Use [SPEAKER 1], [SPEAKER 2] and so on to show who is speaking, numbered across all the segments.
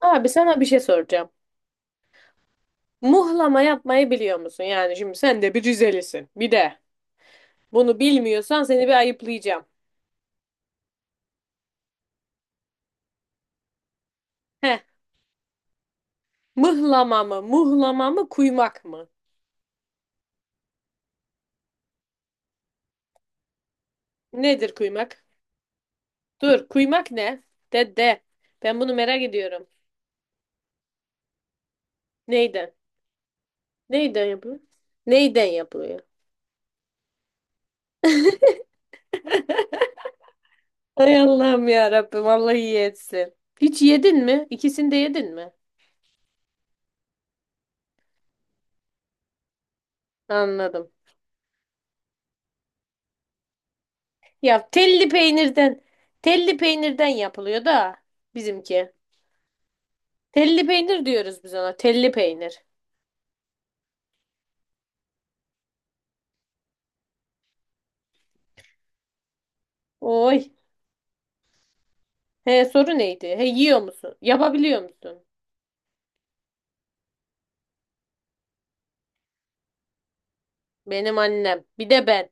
[SPEAKER 1] Abi sana bir şey soracağım. Muhlama yapmayı biliyor musun? Yani şimdi sen de bir Rizelisin. Bir de bunu bilmiyorsan seni bir ayıplayacağım. Heh. Mıhlama mı? Muhlama mı? Kuymak mı? Nedir kuymak? Dur, kuymak ne? De de. Ben bunu merak ediyorum. Neyden? Neyden yapılıyor? Neyden yapılıyor? Hay Allah'ım ya Rabbim, Allah iyi etsin. Hiç yedin mi? İkisini de yedin mi? Anladım. Ya telli peynirden yapılıyor da bizimki. Telli peynir diyoruz biz ona. Telli peynir. Oy. He, soru neydi? He, yiyor musun? Yapabiliyor musun? Benim annem. Bir de ben.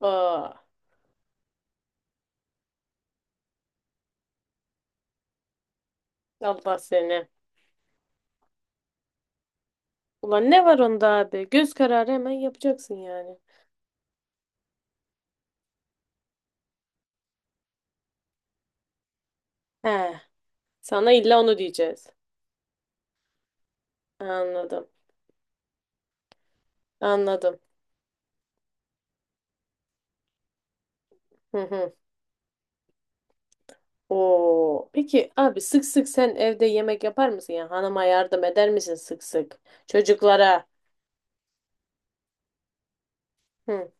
[SPEAKER 1] Aa. Allah seni. Ulan ne var onda abi? Göz kararı hemen yapacaksın yani. He. Sana illa onu diyeceğiz. Anladım. Anladım. Hı hı. Oo. Peki abi sık sık sen evde yemek yapar mısın ya? Hanıma yardım eder misin sık sık? Çocuklara. Hı.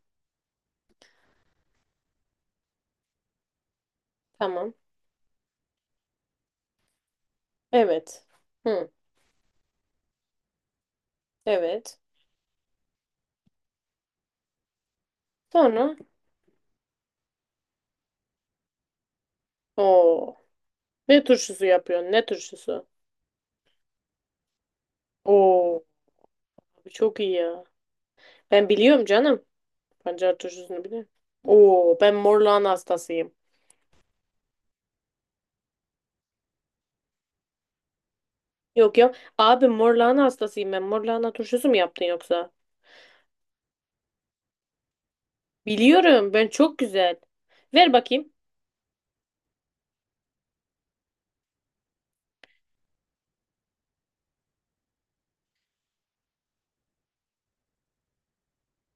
[SPEAKER 1] Tamam. Evet. Hı. Evet. Sonra o ne turşusu yapıyorsun? Ne turşusu? Oo, abi çok iyi ya. Ben biliyorum canım. Pancar turşusunu biliyorum. Oo, ben mor lahana hastasıyım. Yok ya. Abi mor lahana hastasıyım ben. Mor lahana turşusu mu yaptın yoksa? Biliyorum. Ben çok güzel. Ver bakayım.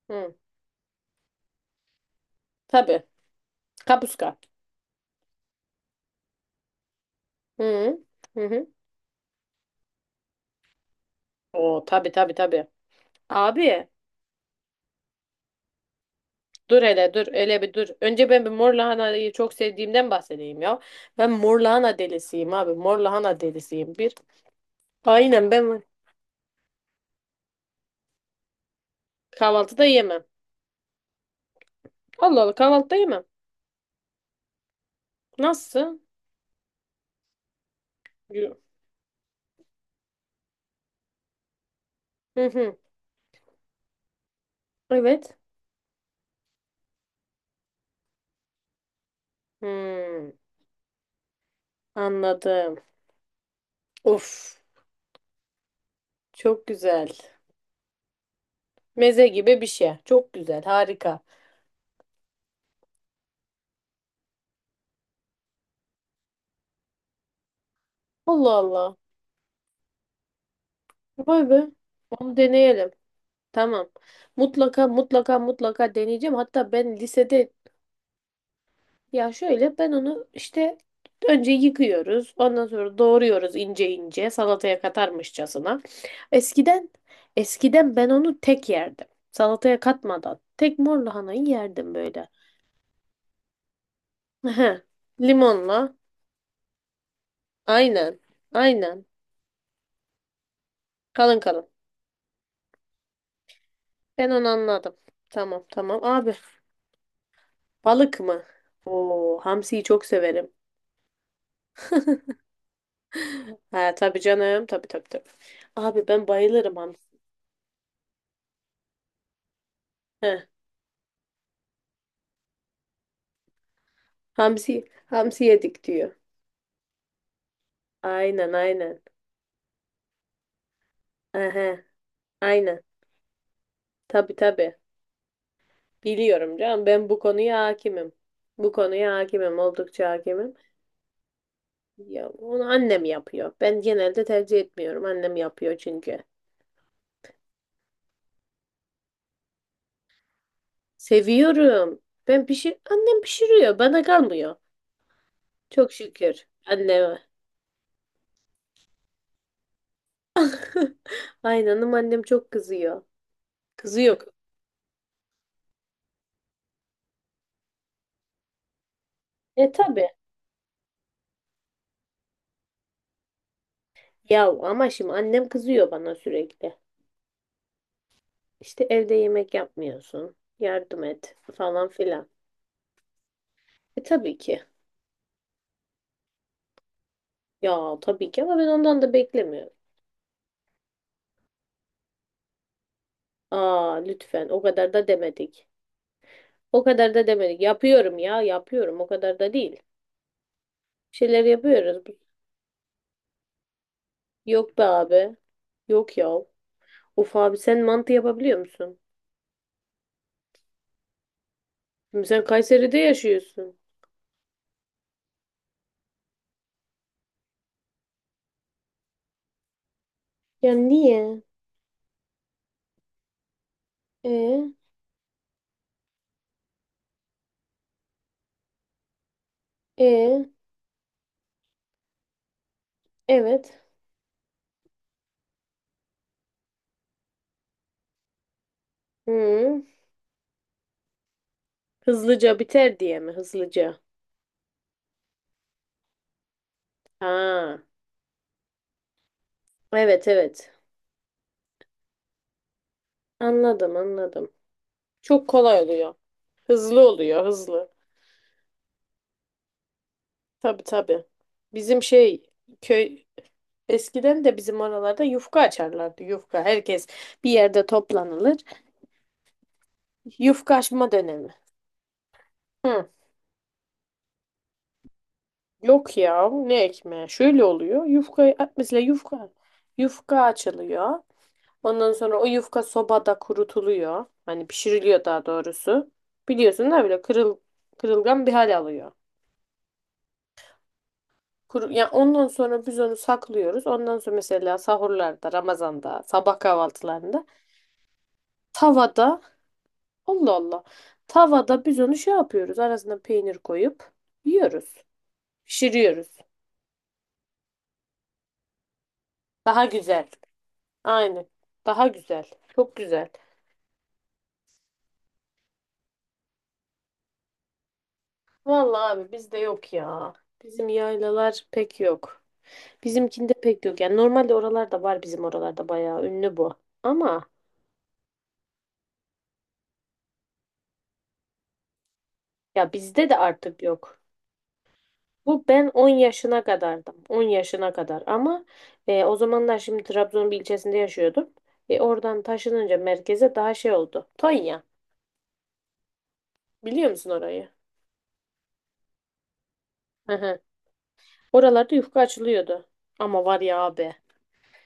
[SPEAKER 1] Hı. Tabii. Kapuska. Hı. Hı hı. Oo, tabii tabii tabii. Abi. Dur hele dur hele bir dur. Önce ben bir mor lahanayı çok sevdiğimden bahsedeyim ya. Ben mor lahana delisiyim abi. Mor lahana delisiyim bir. Aynen ben kahvaltıda yemem. Allah Allah kahvaltıda yemem. Nasıl? Yo- Hı hı. Evet. Hmm, anladım. Of, çok güzel. Meze gibi bir şey. Çok güzel, harika. Allah Allah. Vay be. Onu deneyelim. Tamam. Mutlaka mutlaka mutlaka deneyeceğim. Hatta ben lisede... Ya şöyle, ben onu işte önce yıkıyoruz. Ondan sonra doğruyoruz ince ince, salataya katarmışçasına. Eskiden eskiden ben onu tek yerdim. Salataya katmadan. Tek mor lahanayı yerdim böyle. Hı. Limonla. Aynen. Aynen. Kalın kalın. Ben onu anladım. Tamam tamam. Abi, balık mı? Oo, hamsiyi çok severim. Ha, tabii canım. Tabii tabii tabii. Abi, ben bayılırım hamsi. Heh, hamsi hamsi yedik diyor. Aynen aynen. Aha, aynen. Tabii tabii. Biliyorum canım, ben bu konuya hakimim. Bu konuya hakimim, oldukça hakimim. Ya onu annem yapıyor. Ben genelde tercih etmiyorum. Annem yapıyor çünkü. Seviyorum. Ben pişir Annem pişiriyor. Bana kalmıyor. Çok şükür anneme. Aynanım, annem çok kızıyor. Kızıyor. E tabii. Ya ama şimdi annem kızıyor bana sürekli. İşte evde yemek yapmıyorsun. Yardım et falan filan. E tabii ki. Ya tabii ki ama ben ondan da beklemiyorum. Aa, lütfen, o kadar da demedik. O kadar da demedik. Yapıyorum ya, yapıyorum, o kadar da değil. Bir şeyler yapıyoruz. Yok be abi. Yok ya. Of abi, sen mantı yapabiliyor musun? Şimdi sen Kayseri'de yaşıyorsun. Ya niye? E, e, evet. Hı. Hızlıca biter diye mi? Hızlıca. Ha. Evet evet. Anladım anladım. Çok kolay oluyor. Hızlı oluyor hızlı. Tabii tabii. Bizim şey köy, eskiden de bizim oralarda yufka açarlardı. Yufka herkes bir yerde toplanılır. Yufka açma dönemi. Hı. Yok ya, ne ekmeği. Şöyle oluyor. Yufka, mesela yufka açılıyor. Ondan sonra o yufka sobada kurutuluyor. Hani pişiriliyor daha doğrusu. Biliyorsun da böyle kırılgan bir hal alıyor. Kuru, ya ondan sonra biz onu saklıyoruz. Ondan sonra mesela sahurlarda, Ramazan'da, sabah kahvaltılarında, tavada... Allah Allah. Tavada biz onu şey yapıyoruz. Arasına peynir koyup yiyoruz. Pişiriyoruz. Daha güzel. Aynen. Daha güzel. Çok güzel. Vallahi abi bizde yok ya. Bizim yaylalar pek yok. Bizimkinde pek yok. Yani normalde oralarda var, bizim oralarda bayağı ünlü bu. Ama ya bizde de artık yok. Bu ben 10 yaşına kadardım. 10 yaşına kadar ama o zamanlar şimdi Trabzon'un bir ilçesinde yaşıyordum. E, oradan taşınınca merkeze daha şey oldu. Tonya. Biliyor musun orayı? Hı hı. Oralarda yufka açılıyordu. Ama var ya abi.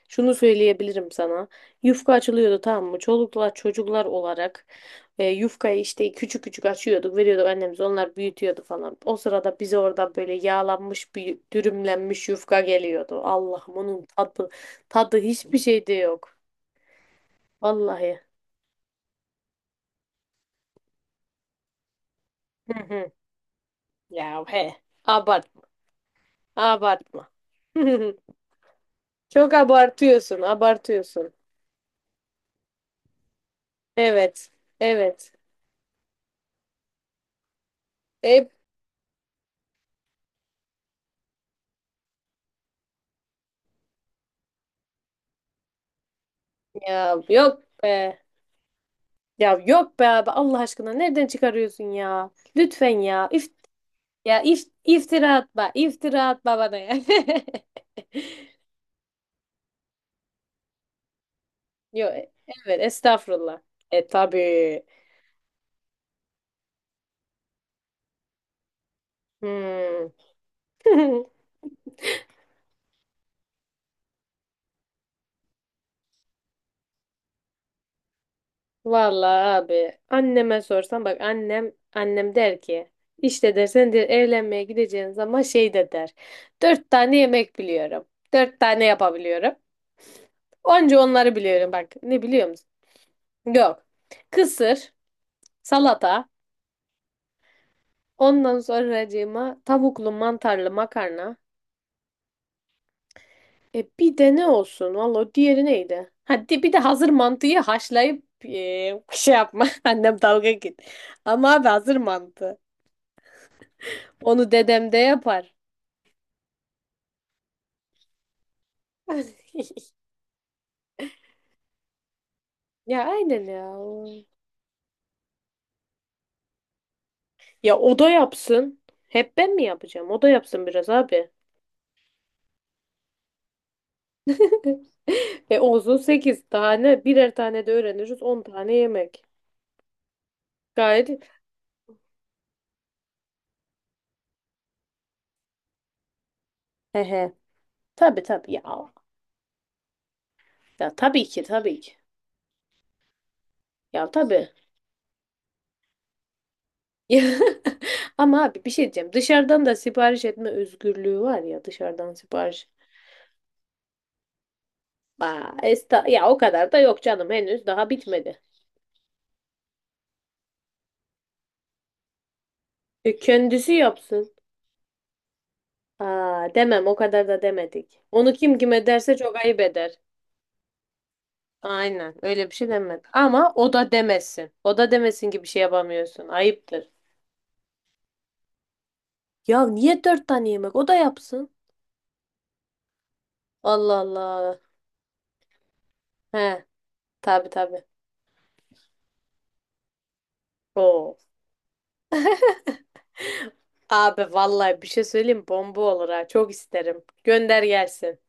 [SPEAKER 1] Şunu söyleyebilirim sana. Yufka açılıyordu, tamam mı? Çoluklar çocuklar olarak yufkayı işte küçük küçük açıyorduk. Veriyorduk annemiz. Onlar büyütüyordu falan. O sırada bize orada böyle yağlanmış bir dürümlenmiş yufka geliyordu. Allah'ım, onun tadı hiçbir şeyde yok. Vallahi. Hı hı. Ya he. Abartma. Abartma. Çok abartıyorsun. Abartıyorsun. Evet. Evet. Hep ya yok be. Ya yok be abi, Allah aşkına nereden çıkarıyorsun ya? Lütfen ya. İf ya if iftira atma. İftira atma bana ya. Yok, evet, estağfurullah. E tabii. Hmm. Vallahi abi, anneme sorsan bak, annem der ki, işte der, sen der evlenmeye gideceğin zaman, şey de der. Dört tane yemek biliyorum. Dört tane yapabiliyorum. Onca onları biliyorum bak. Ne biliyor... Yok. Kısır, salata, ondan sonracığıma tavuklu mantarlı makarna. Bir de ne olsun? Valla diğeri neydi? Hadi bir de hazır mantıyı haşlayıp şey yapma. Annem dalga git. Ama abi hazır mantı. Onu dedem de yapar. Ya aynen ya. Ya o da yapsın. Hep ben mi yapacağım? O da yapsın biraz abi. Olsun 8 tane, birer tane de öğreniriz. 10 tane yemek. Gayet. He he. Tabii tabii ya. Ya tabii ki tabii ki. Ya tabii. Ama abi bir şey diyeceğim. Dışarıdan da sipariş etme özgürlüğü var ya, dışarıdan sipariş. Aa, esta ya, o kadar da yok canım, henüz daha bitmedi. Kendisi yapsın. Aa, demem, o kadar da demedik. Onu kim kime derse çok ayıp eder. Aynen, öyle bir şey demedik. Ama o da demesin. O da demesin ki bir şey yapamıyorsun. Ayıptır. Ya niye dört tane yemek? O da yapsın. Allah Allah. He, tabii tabii. Oo. Abi vallahi bir şey söyleyeyim, bomba olur ha. Çok isterim. Gönder gelsin.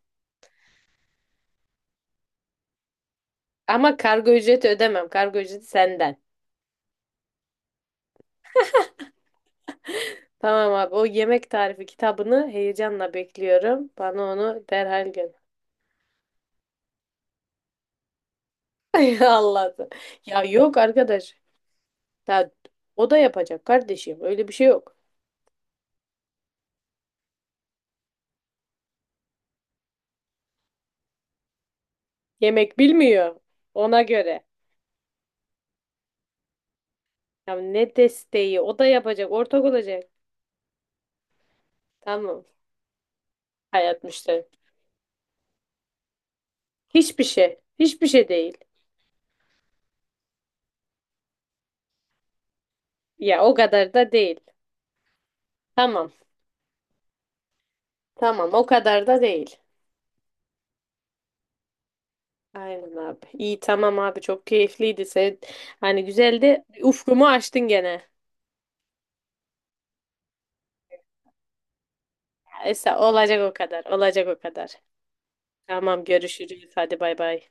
[SPEAKER 1] Ama kargo ücreti ödemem. Kargo ücreti senden. Tamam abi, o yemek tarifi kitabını heyecanla bekliyorum. Bana onu derhal gönder. Allah'ım. Ya yok arkadaş. Ya, o da yapacak kardeşim. Öyle bir şey yok. Yemek bilmiyor. Ona göre. Ya ne desteği? O da yapacak. Ortak olacak. Tamam. Hayat müşteri. Hiçbir şey. Hiçbir şey değil. Ya o kadar da değil. Tamam. Tamam, o kadar da değil. Aynen abi. İyi, tamam abi, çok keyifliydi. Sen, hani güzeldi. Ufkumu açtın gene. Esa, olacak o kadar. Olacak o kadar. Tamam, görüşürüz. Hadi bay bay.